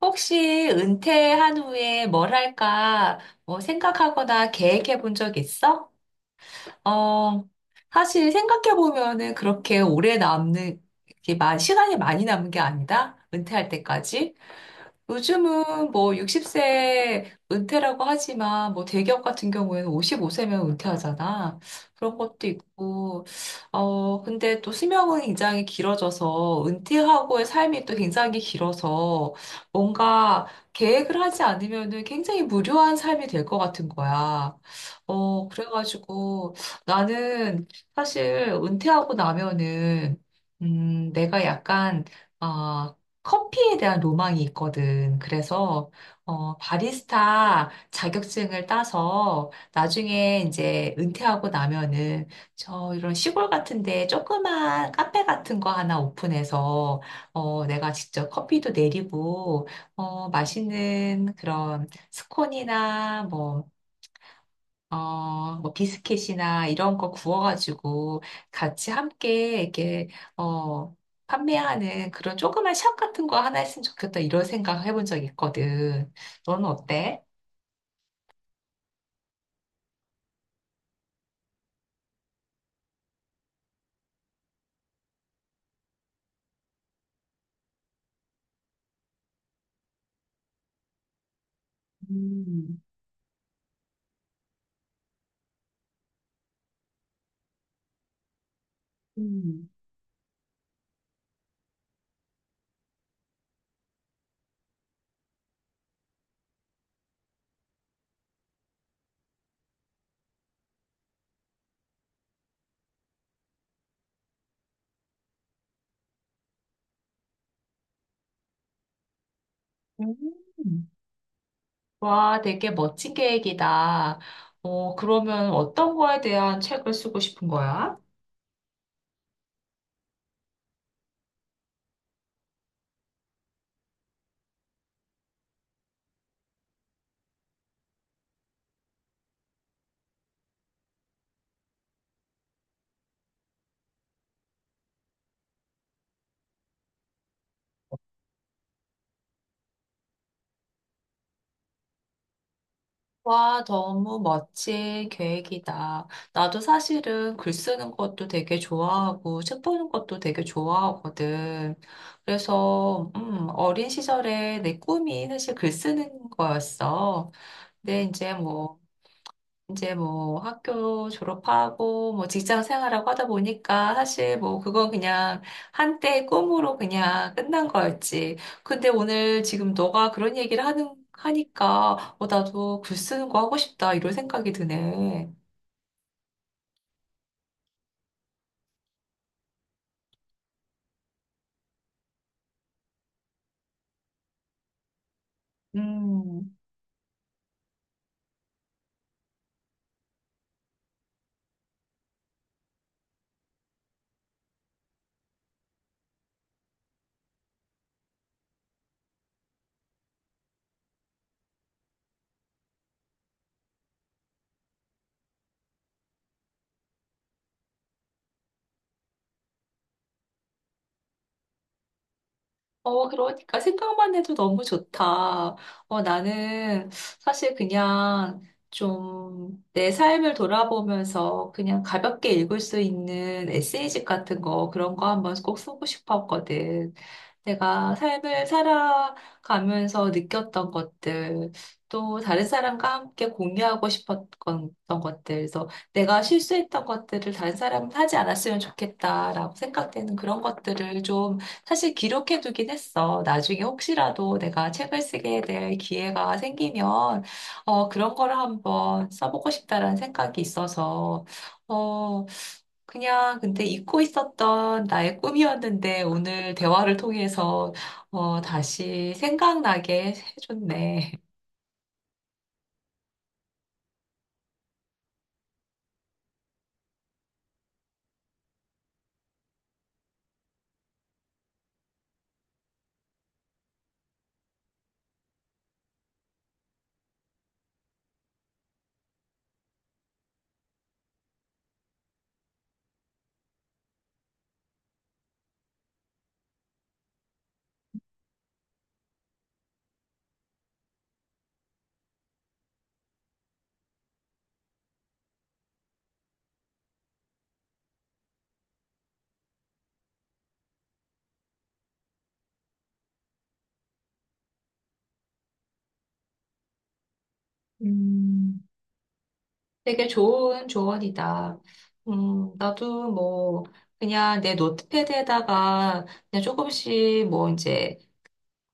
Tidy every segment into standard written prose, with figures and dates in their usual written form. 혹시 은퇴한 후에 뭘 할까 뭐 생각하거나 계획해 본 적 있어? 어, 사실 생각해 보면은 그렇게 오래 남는, 이렇게 시간이 많이 남은 게 아니다. 은퇴할 때까지. 요즘은 뭐 60세 은퇴라고 하지만 뭐 대기업 같은 경우에는 55세면 은퇴하잖아. 그런 것도 있고, 근데 또 수명은 굉장히 길어져서 은퇴하고의 삶이 또 굉장히 길어서 뭔가 계획을 하지 않으면은 굉장히 무료한 삶이 될 것 같은 거야. 그래가지고 나는 사실 은퇴하고 나면은 내가 약간 아, 커피에 대한 로망이 있거든. 그래서 바리스타 자격증을 따서 나중에 이제 은퇴하고 나면은 저 이런 시골 같은데 조그만 카페 같은 거 하나 오픈해서 내가 직접 커피도 내리고 맛있는 그런 스콘이나 뭐 비스켓이나 이런 거 구워가지고 같이 함께 이렇게, 어, 판매하는 그런 조그만 샵 같은 거 하나 했으면 좋겠다, 이런 생각 해본 적 있거든. 너는 어때? 음, 음. 음. 와, 되게 멋진 계획이다. 그러면 어떤 거에 대한 책을 쓰고 싶은 거야? 와, 너무 멋진 계획이다. 나도 사실은 글 쓰는 것도 되게 좋아하고, 책 보는 것도 되게 좋아하거든. 그래서, 어린 시절에 내 꿈이 사실 글 쓰는 거였어. 근데 이제 뭐, 이제 뭐 학교 졸업하고 뭐 직장 생활하고 하다 보니까 사실 뭐 그건 그냥 한때의 꿈으로 그냥 끝난 거였지. 근데 오늘 지금 너가 그런 얘기를 하니까 나도 글 쓰는 거 하고 싶다 이런 생각이 드네. 음. 그러니까 생각만 해도 너무 좋다. 나는 사실 그냥 좀 내 삶을 돌아보면서 그냥 가볍게 읽을 수 있는 에세이집 같은 거, 그런 거 한번 꼭 쓰고 싶었거든. 내가 삶을 살아가면서 느꼈던 것들, 또 다른 사람과 함께 공유하고 싶었던 것들, 그래서 내가 실수했던 것들을 다른 사람은 하지 않았으면 좋겠다라고 생각되는 그런 것들을 좀 사실 기록해두긴 했어. 나중에 혹시라도 내가 책을 쓰게 될 기회가 생기면, 그런 거를 한번 써보고 싶다라는 생각이 있어서, 어, 그냥 근데 잊고 있었던 나의 꿈이었는데 오늘 대화를 통해서, 다시 생각나게 해줬네. 음, 되게 좋은 조언이다. 나도 뭐, 그냥 내 노트패드에다가 그냥 조금씩 뭐 이제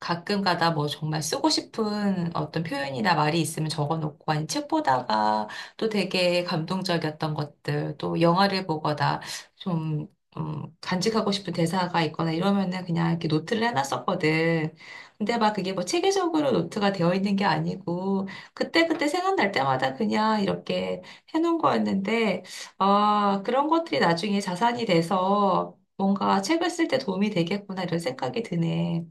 가끔 가다 뭐 정말 쓰고 싶은 어떤 표현이나 말이 있으면 적어놓고 아니 책 보다가 또 되게 감동적이었던 것들 또 영화를 보거나 좀 간직하고 싶은 대사가 있거나 이러면은 그냥 이렇게 노트를 해놨었거든. 근데 막 그게 뭐 체계적으로 노트가 되어 있는 게 아니고 그때그때 생각날 때마다 그냥 이렇게 해놓은 거였는데 아 그런 것들이 나중에 자산이 돼서 뭔가 책을 쓸 때 도움이 되겠구나 이런 생각이 드네.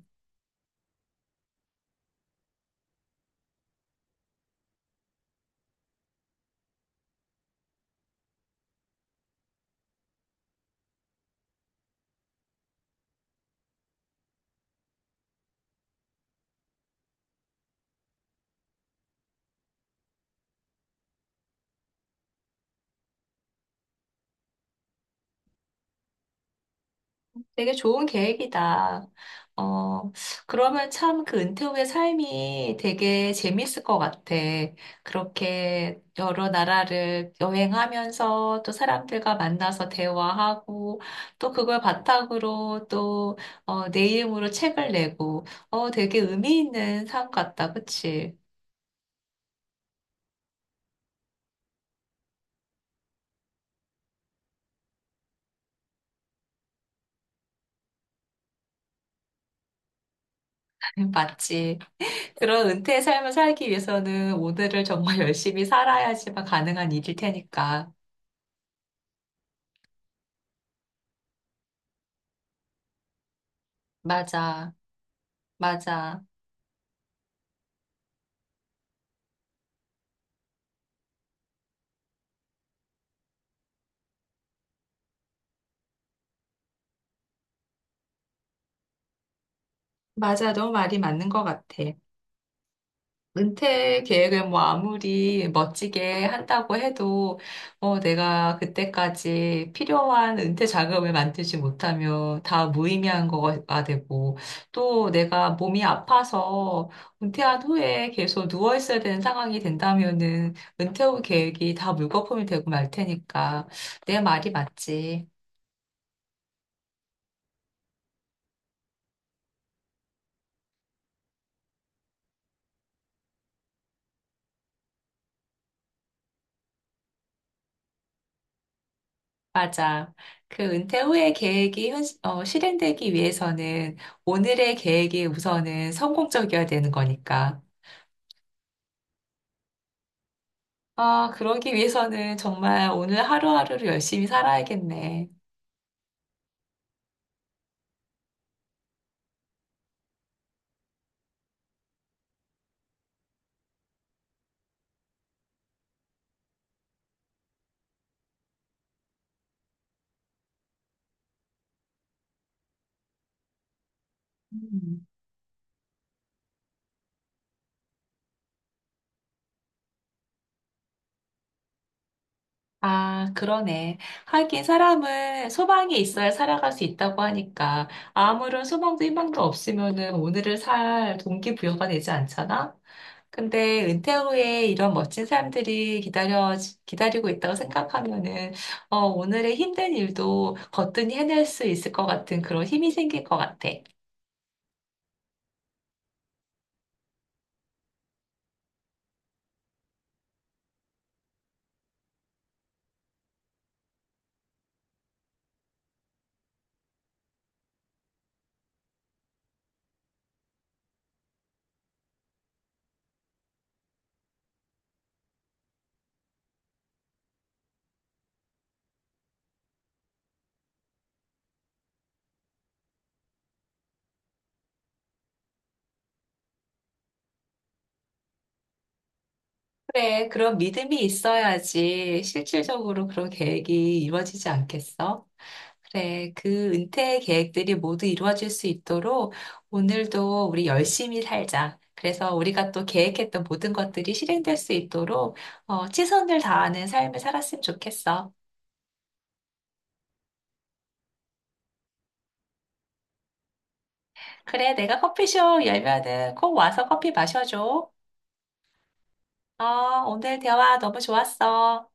되게 좋은 계획이다. 어, 그러면 참 그 은퇴 후의 삶이 되게 재밌을 것 같아. 그렇게 여러 나라를 여행하면서 또 사람들과 만나서 대화하고 또 그걸 바탕으로 또, 내 이름으로 책을 내고, 되게 의미 있는 삶 같다. 그치? 맞지. 그런 은퇴의 삶을 살기 위해서는 오늘을 정말 열심히 살아야지만 가능한 일일 테니까. 맞아. 맞아. 맞아, 너 말이 맞는 것 같아. 은퇴 계획을 뭐 아무리 멋지게 한다고 해도, 내가 그때까지 필요한 은퇴 자금을 만들지 못하면 다 무의미한 거가 되고, 또 내가 몸이 아파서 은퇴한 후에 계속 누워 있어야 되는 상황이 된다면은 은퇴 후 계획이 다 물거품이 되고 말 테니까, 내 말이 맞지. 맞아. 그 은퇴 후의 계획이 실행되기 위해서는 오늘의 계획이 우선은 성공적이어야 되는 거니까. 아, 그러기 위해서는 정말 오늘 하루하루를 열심히 살아야겠네. 음. 아, 그러네. 하긴 사람은 소망이 있어야 살아갈 수 있다고 하니까 아무런 소망도 희망도 없으면은 오늘을 살 동기부여가 되지 않잖아? 근데 은퇴 후에 이런 멋진 기다리고 있다고 생각하면은 오늘의 힘든 일도 거뜬히 해낼 수 있을 것 같은 그런 힘이 생길 것 같아. 그래, 그런 믿음이 있어야지 실질적으로 그런 계획이 이루어지지 않겠어? 그래, 그 은퇴 계획들이 모두 이루어질 수 있도록 오늘도 우리 열심히 살자. 그래서 우리가 또 계획했던 모든 것들이 실행될 수 있도록 최선을 다하는 삶을 살았으면 좋겠어. 그래, 내가 커피숍 열면은 꼭 와서 커피 마셔줘. 어, 오늘 대화 너무 좋았어.